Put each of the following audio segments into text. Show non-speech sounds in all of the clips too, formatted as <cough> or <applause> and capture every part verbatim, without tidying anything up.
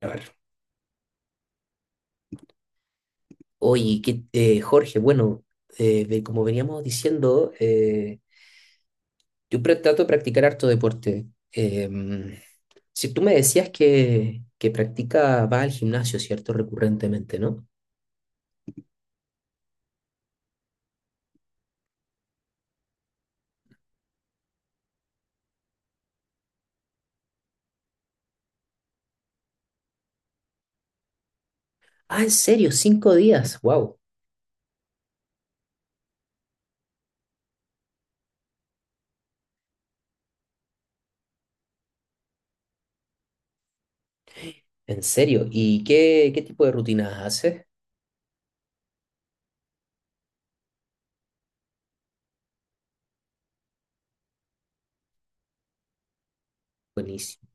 A ver. Oye, que, eh, Jorge, bueno, eh, ve- como veníamos diciendo, eh, yo pra- trato de practicar harto deporte. Em, si tú me decías que, que practica, va al gimnasio, ¿cierto? Recurrentemente, ¿no? Ah, en serio, cinco días, wow, en serio. ¿Y qué, qué tipo de rutinas haces? Buenísimo,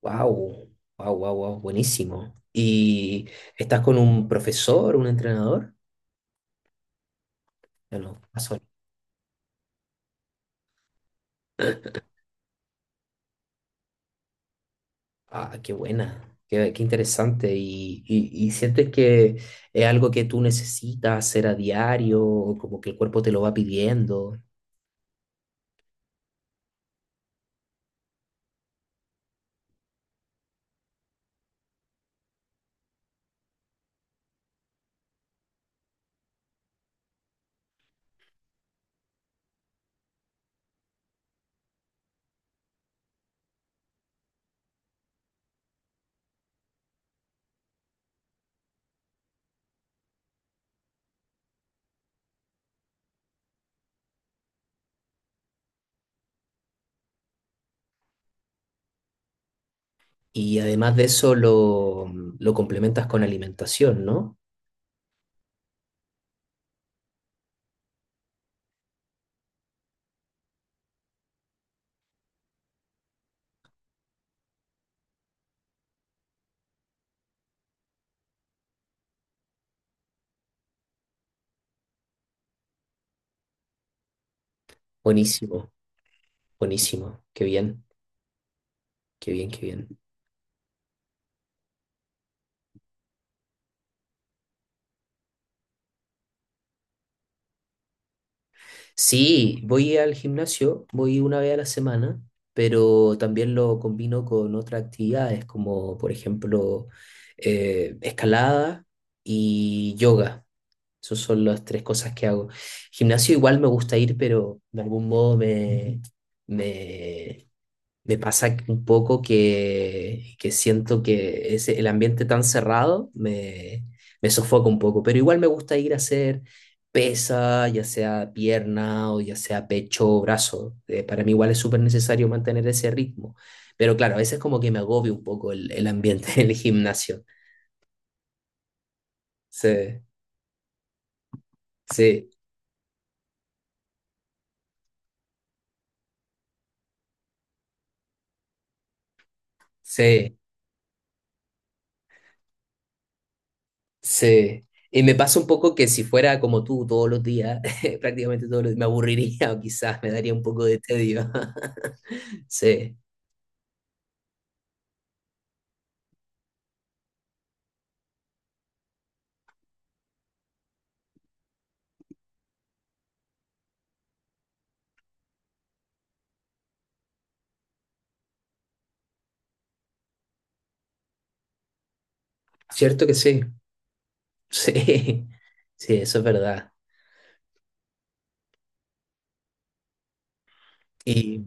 wow, wow, wow, wow, buenísimo. ¿Y estás con un profesor, un entrenador? Ya no. Ah, qué buena, qué, qué interesante. ¿Y, y, y sientes que es algo que tú necesitas hacer a diario, o como que el cuerpo te lo va pidiendo? Y además de eso lo, lo complementas con alimentación, ¿no? Buenísimo, buenísimo, qué bien, qué bien, qué bien. Sí, voy al gimnasio, voy una vez a la semana, pero también lo combino con otras actividades, como por ejemplo eh, escalada y yoga. Esas son las tres cosas que hago. Gimnasio igual me gusta ir, pero de algún modo me, me, me pasa un poco que, que siento que ese, el ambiente tan cerrado me, me sofoca un poco, pero igual me gusta ir a hacer pesa, ya sea pierna o ya sea pecho o brazo. Eh, para mí igual es súper necesario mantener ese ritmo, pero claro, a veces como que me agobia un poco el, el ambiente <laughs> del gimnasio. Sí, sí, sí. Sí, y me pasa un poco que si fuera como tú todos los días, <laughs> prácticamente todos los días, me aburriría o quizás me daría un poco de tedio. <laughs> Sí, cierto que sí, <laughs> sí, sí, eso es verdad. Y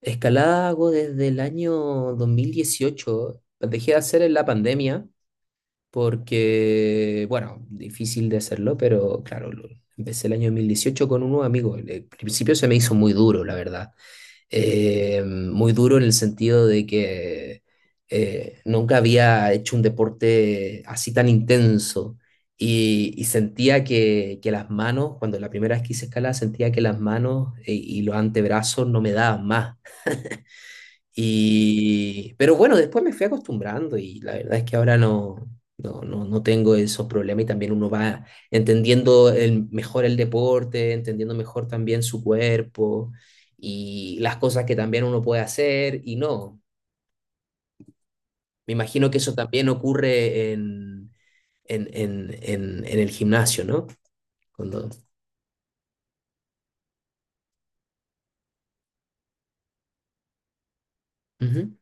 escalada hago desde el año dos mil dieciocho. Dejé de hacer en la pandemia porque, bueno, difícil de hacerlo, pero claro, lo- empecé el año dos mil dieciocho con unos amigos. Al principio se me hizo muy duro, la verdad. Eh, muy duro en el sentido de que eh, nunca había hecho un deporte así tan intenso y, y sentía que, que las manos, cuando la primera vez que hice escalada, sentía que las manos eh, y los antebrazos no me daban más. Y, pero bueno, después me fui acostumbrando y la verdad es que ahora no, no, no, no tengo esos problemas y también uno va entendiendo el, mejor el deporte, entendiendo mejor también su cuerpo y las cosas que también uno puede hacer y no. Me imagino que eso también ocurre en, en, en, en, en el gimnasio, ¿no? Cuando... Ujú,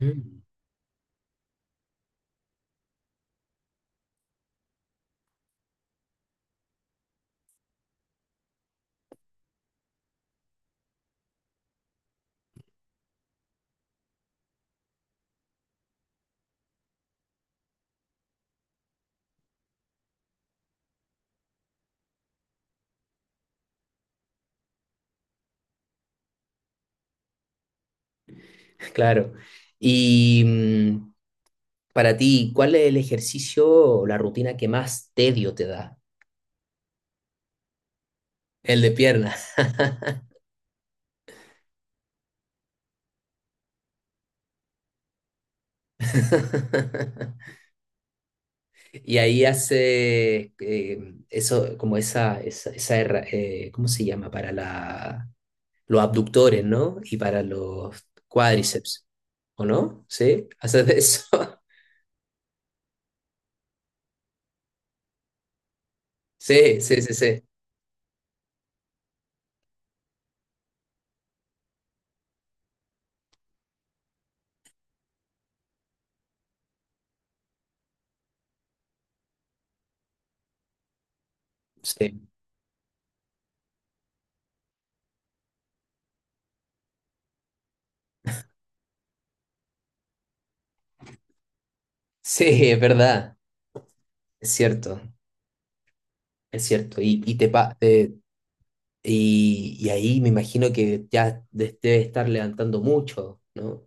mm, claro. Y mm, para ti, ¿cuál es el ejercicio o la rutina que más tedio te da? El de piernas. <laughs> Y ahí hace eh, eso, como esa, esa, esa herra- eh, ¿cómo se llama? Para la, los abductores, ¿no? Y para los cuádriceps, ¿o no? ¿Sí? ¿Haces de eso? <laughs> Sí, sí, sí, sí. Sí, sí, es verdad. Es cierto, es cierto. Y, y, te pa- te- y, y ahí me imagino que ya de- debe estar levantando mucho, ¿no?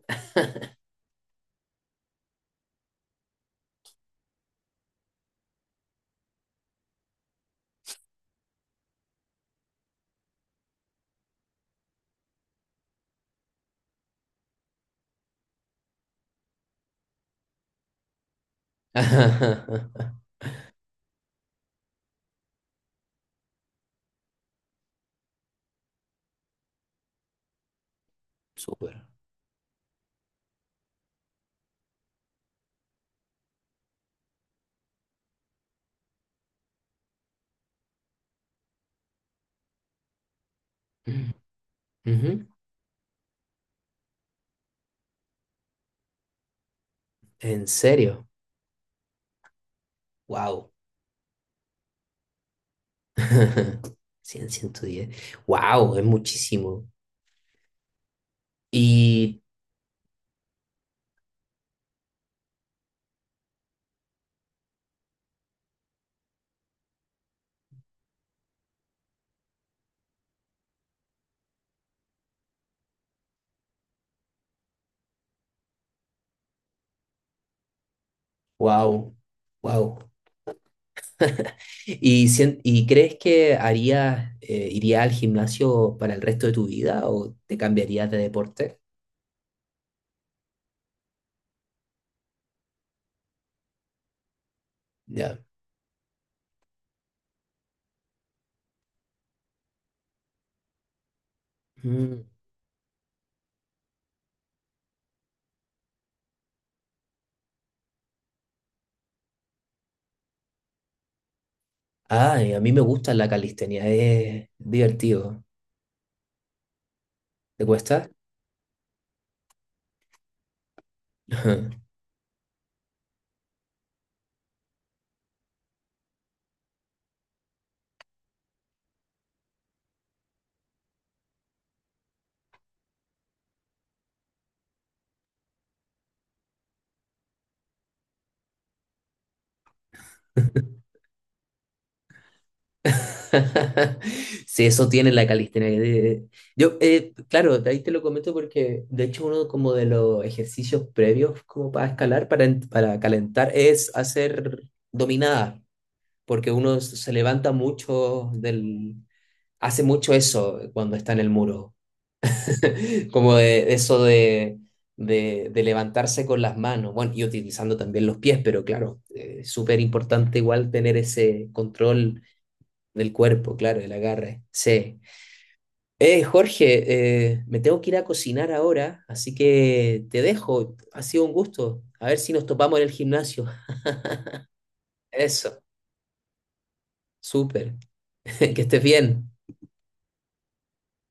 <laughs> Súper. Ujú. ¿En serio? Wow. <laughs> Cien ciento diez. Wow, es muchísimo. Y wow, wow. ¿Y, sien- y crees que harías, eh, irías al gimnasio para el resto de tu vida o te cambiarías de deporte? Ya. Mm. Ay, a mí me gusta la calistenia, es divertido. ¿Te cuesta? <laughs> <laughs> Sí, eso tiene la calistenia. Eh, Yo, eh, claro, de ahí te lo comento porque de hecho uno como de los ejercicios previos como para escalar, para, en- para calentar, es hacer dominada, porque uno se levanta mucho del... hace mucho eso cuando está en el muro, <laughs> como de eso de, de, de levantarse con las manos, bueno, y utilizando también los pies, pero claro, es súper importante igual tener ese control del cuerpo, claro, del agarre. Sí. Eh, Jorge, eh, me tengo que ir a cocinar ahora, así que te dejo. Ha sido un gusto. A ver si nos topamos en el gimnasio. Eso, súper. <laughs> Que estés bien.